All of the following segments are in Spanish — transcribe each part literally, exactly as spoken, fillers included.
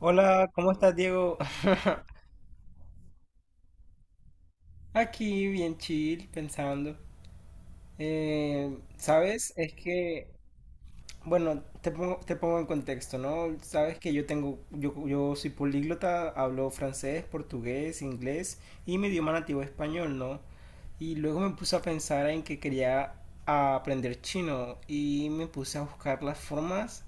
Hola, ¿cómo estás, Diego? Aquí bien chill, pensando. Eh, ¿sabes? Es que, bueno, te pongo, te pongo en contexto, ¿no? Sabes que yo tengo, yo, yo soy políglota, hablo francés, portugués, inglés y mi idioma nativo es español, ¿no? Y luego me puse a pensar en que quería aprender chino y me puse a buscar las formas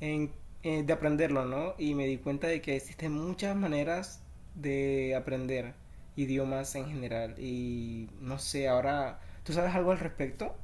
en- eh, de aprenderlo, ¿no? Y me di cuenta de que existen muchas maneras de aprender idiomas en general. Y no sé, ahora, ¿tú sabes algo al respecto?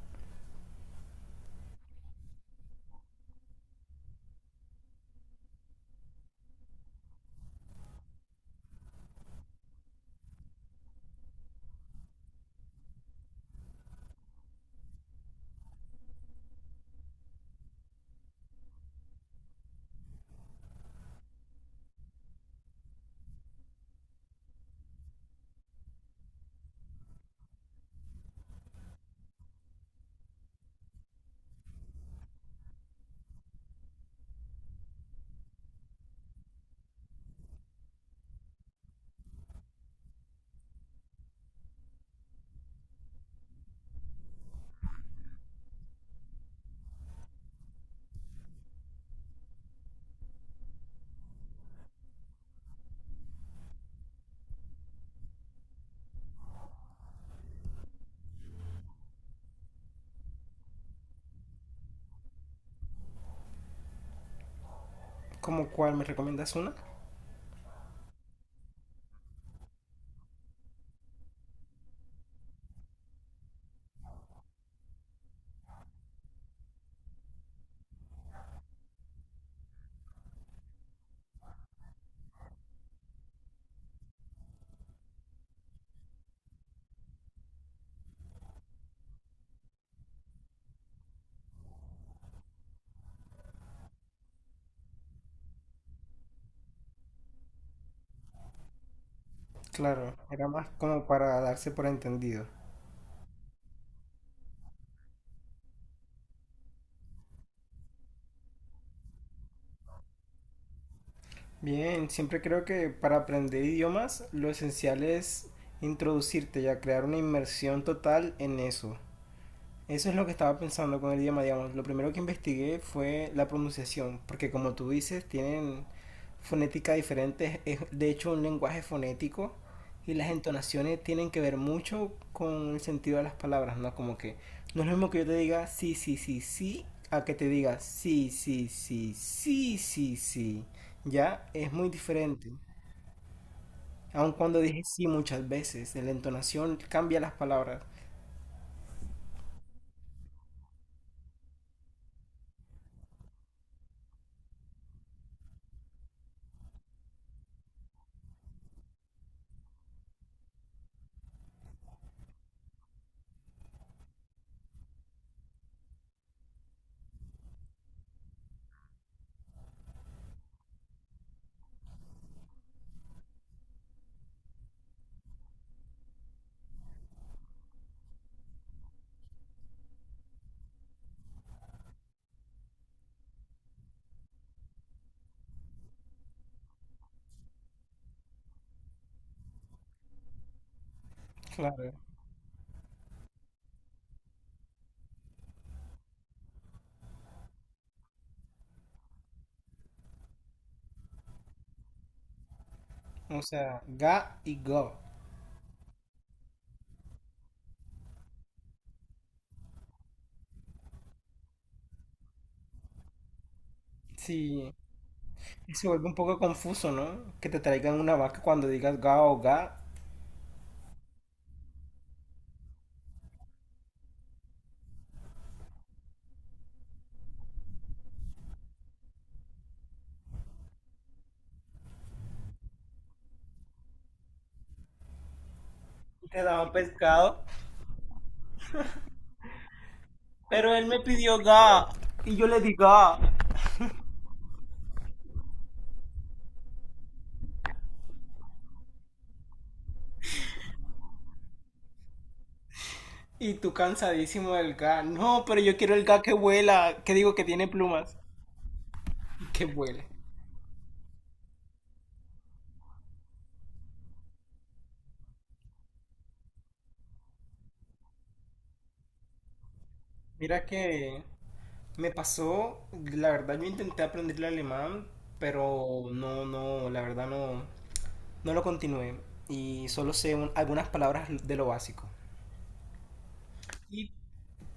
¿Como cuál? ¿Me recomiendas una? Claro, era más como para darse por entendido. Bien, siempre creo que para aprender idiomas lo esencial es introducirte y a crear una inmersión total en eso. Eso es lo que estaba pensando con el idioma, digamos. Lo primero que investigué fue la pronunciación, porque como tú dices, tienen fonética diferente, es de hecho un lenguaje fonético y las entonaciones tienen que ver mucho con el sentido de las palabras, ¿no? Como que no es lo mismo que yo te diga sí, sí, sí, sí, a que te diga sí, sí, sí, sí, sí, sí. Ya es muy diferente. Aun cuando dije sí muchas veces, la entonación cambia las palabras. Claro. O sea, ga y go. Sí, se vuelve un poco confuso, ¿no? Que te traigan una vaca cuando digas ga o ga. Te daban pescado, pero él me pidió ga y yo le di ga. Y tú cansadísimo del ga. No, pero yo quiero el ga que vuela, que digo que tiene plumas. Que vuele. Mira que me pasó, la verdad yo intenté aprender el alemán, pero no, no, la verdad no, no lo continué. Y solo sé un- algunas palabras de lo básico.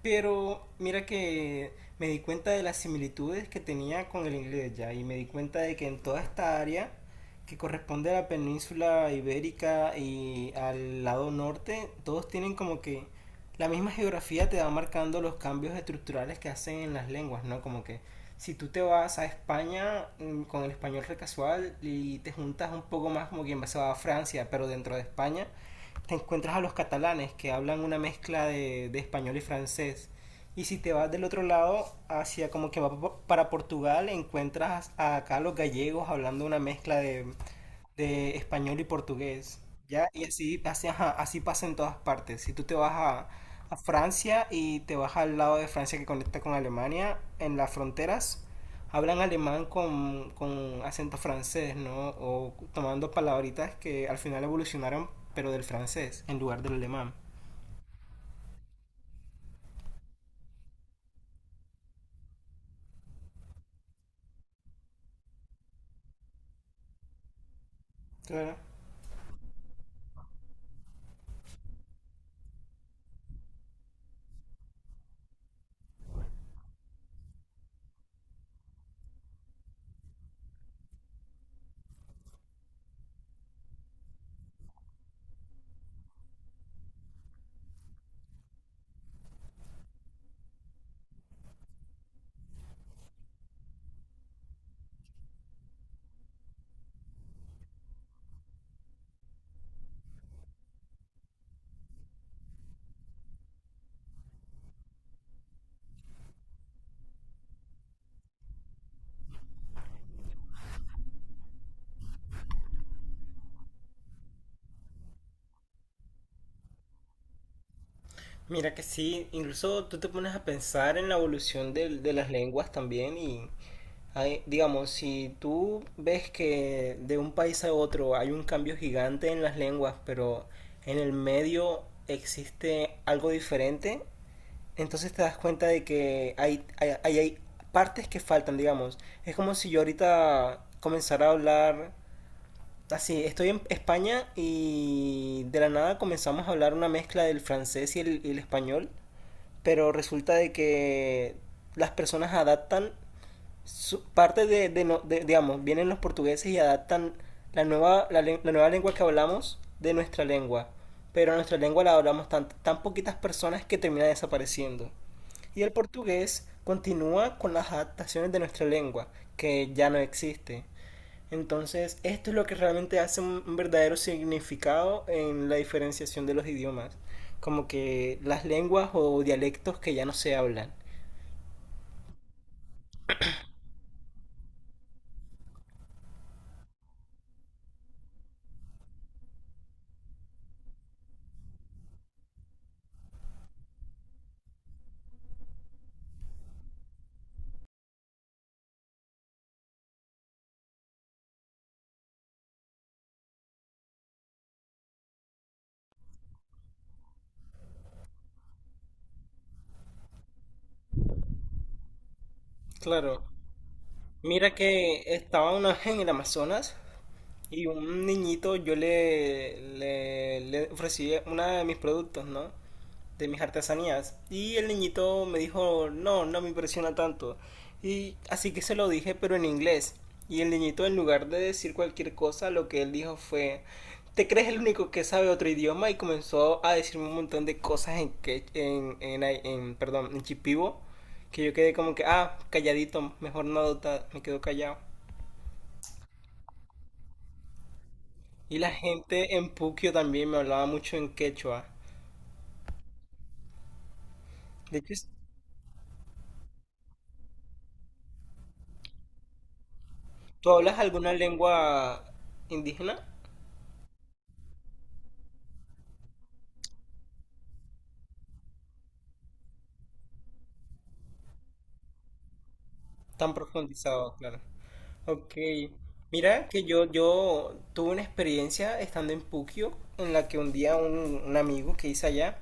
Pero mira que me di cuenta de las similitudes que tenía con el inglés ya y me di cuenta de que en toda esta área que corresponde a la península ibérica y al lado norte, todos tienen como que la misma geografía te va marcando los cambios estructurales que hacen en las lenguas, ¿no? Como que si tú te vas a España mm, con el español recasual y te juntas un poco más como quien va se va a Francia, pero dentro de España, te encuentras a los catalanes que hablan una mezcla de, de español y francés. Y si te vas del otro lado, hacia como que va para Portugal, encuentras a acá los gallegos hablando una mezcla de, de español y portugués, ¿ya? Y así, así, ajá, así pasa en todas partes. Si tú te vas a, a Francia y te vas al lado de Francia que conecta con Alemania, en las fronteras hablan alemán con, con acento francés, ¿no? O tomando palabritas que al final evolucionaron, pero del francés, en lugar del alemán. Claro. Mira que sí, incluso tú te pones a pensar en la evolución del- de, las lenguas también y hay- digamos, si tú ves que de un país a otro hay un cambio gigante en las lenguas, pero en el medio existe algo diferente, entonces te das cuenta de que hay, hay, hay- hay partes que faltan, digamos. Es como si yo ahorita comenzara a hablar... Así, estoy en España y de la nada comenzamos a hablar una mezcla del francés y el, y el español, pero resulta de que las personas adaptan su, parte de, de, no- de- digamos, vienen los portugueses y adaptan la nueva, la, la nueva lengua que hablamos de nuestra lengua, pero nuestra lengua la hablamos tan, tan poquitas personas que termina desapareciendo. Y el portugués continúa con las adaptaciones de nuestra lengua, que ya no existe. Entonces, esto es lo que realmente hace un verdadero significado en la diferenciación de los idiomas, como que las lenguas o dialectos que ya no se hablan. Claro, mira que estaba una vez en el Amazonas y un niñito yo le, le, le ofrecí uno de mis productos, ¿no? De mis artesanías. Y el niñito me dijo, no, no me impresiona tanto. Y así que se lo dije, pero en inglés. Y el niñito, en lugar de decir cualquier cosa, lo que él dijo fue, ¿te crees el único que sabe otro idioma? Y comenzó a decirme un montón de cosas en, que, en, en, en, perdón, en chipivo, que yo quedé como que, ah, calladito, mejor no adoptar, me quedo callado. Y la gente en Puquio también me hablaba mucho en quechua. De hecho, ¿tú hablas alguna lengua indígena? Tan profundizado, claro. Ok. Mira que yo, yo tuve una experiencia estando en Puquio, en la que un día un, un amigo que hice allá,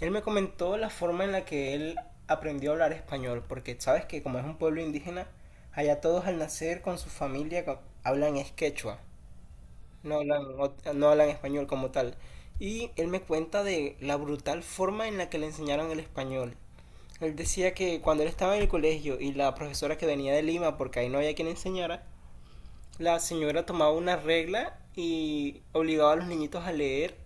él me comentó la forma en la que él aprendió a hablar español, porque sabes que como es un pueblo indígena, allá todos al nacer con su familia co- hablan es quechua, no hablan, ot- no hablan español como tal. Y él me cuenta de la brutal forma en la que le enseñaron el español. Él decía que cuando él estaba en el colegio y la profesora que venía de Lima, porque ahí no había quien enseñara, la señora tomaba una regla y obligaba a los niñitos a leer.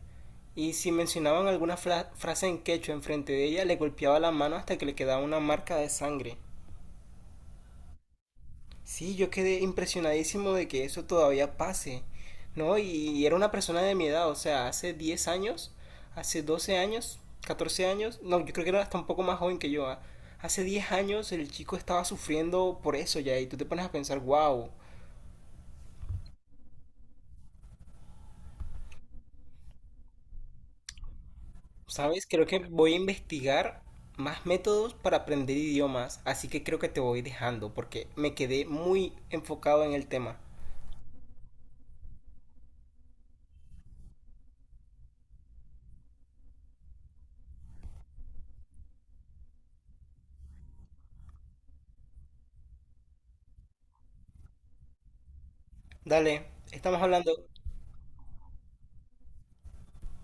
Y si mencionaban alguna fra- frase en quechua enfrente de ella, le golpeaba la mano hasta que le quedaba una marca de sangre. Sí, yo quedé impresionadísimo de que eso todavía pase, ¿no? Y era una persona de mi edad, o sea, hace diez años, hace doce años, catorce años, no, yo creo que era hasta un poco más joven que yo, ah. Hace diez años el chico estaba sufriendo por eso ya, y tú te pones a pensar, wow, ¿sabes? Creo que voy a investigar más métodos para aprender idiomas, así que creo que te voy dejando porque me quedé muy enfocado en el tema. Dale, estamos hablando.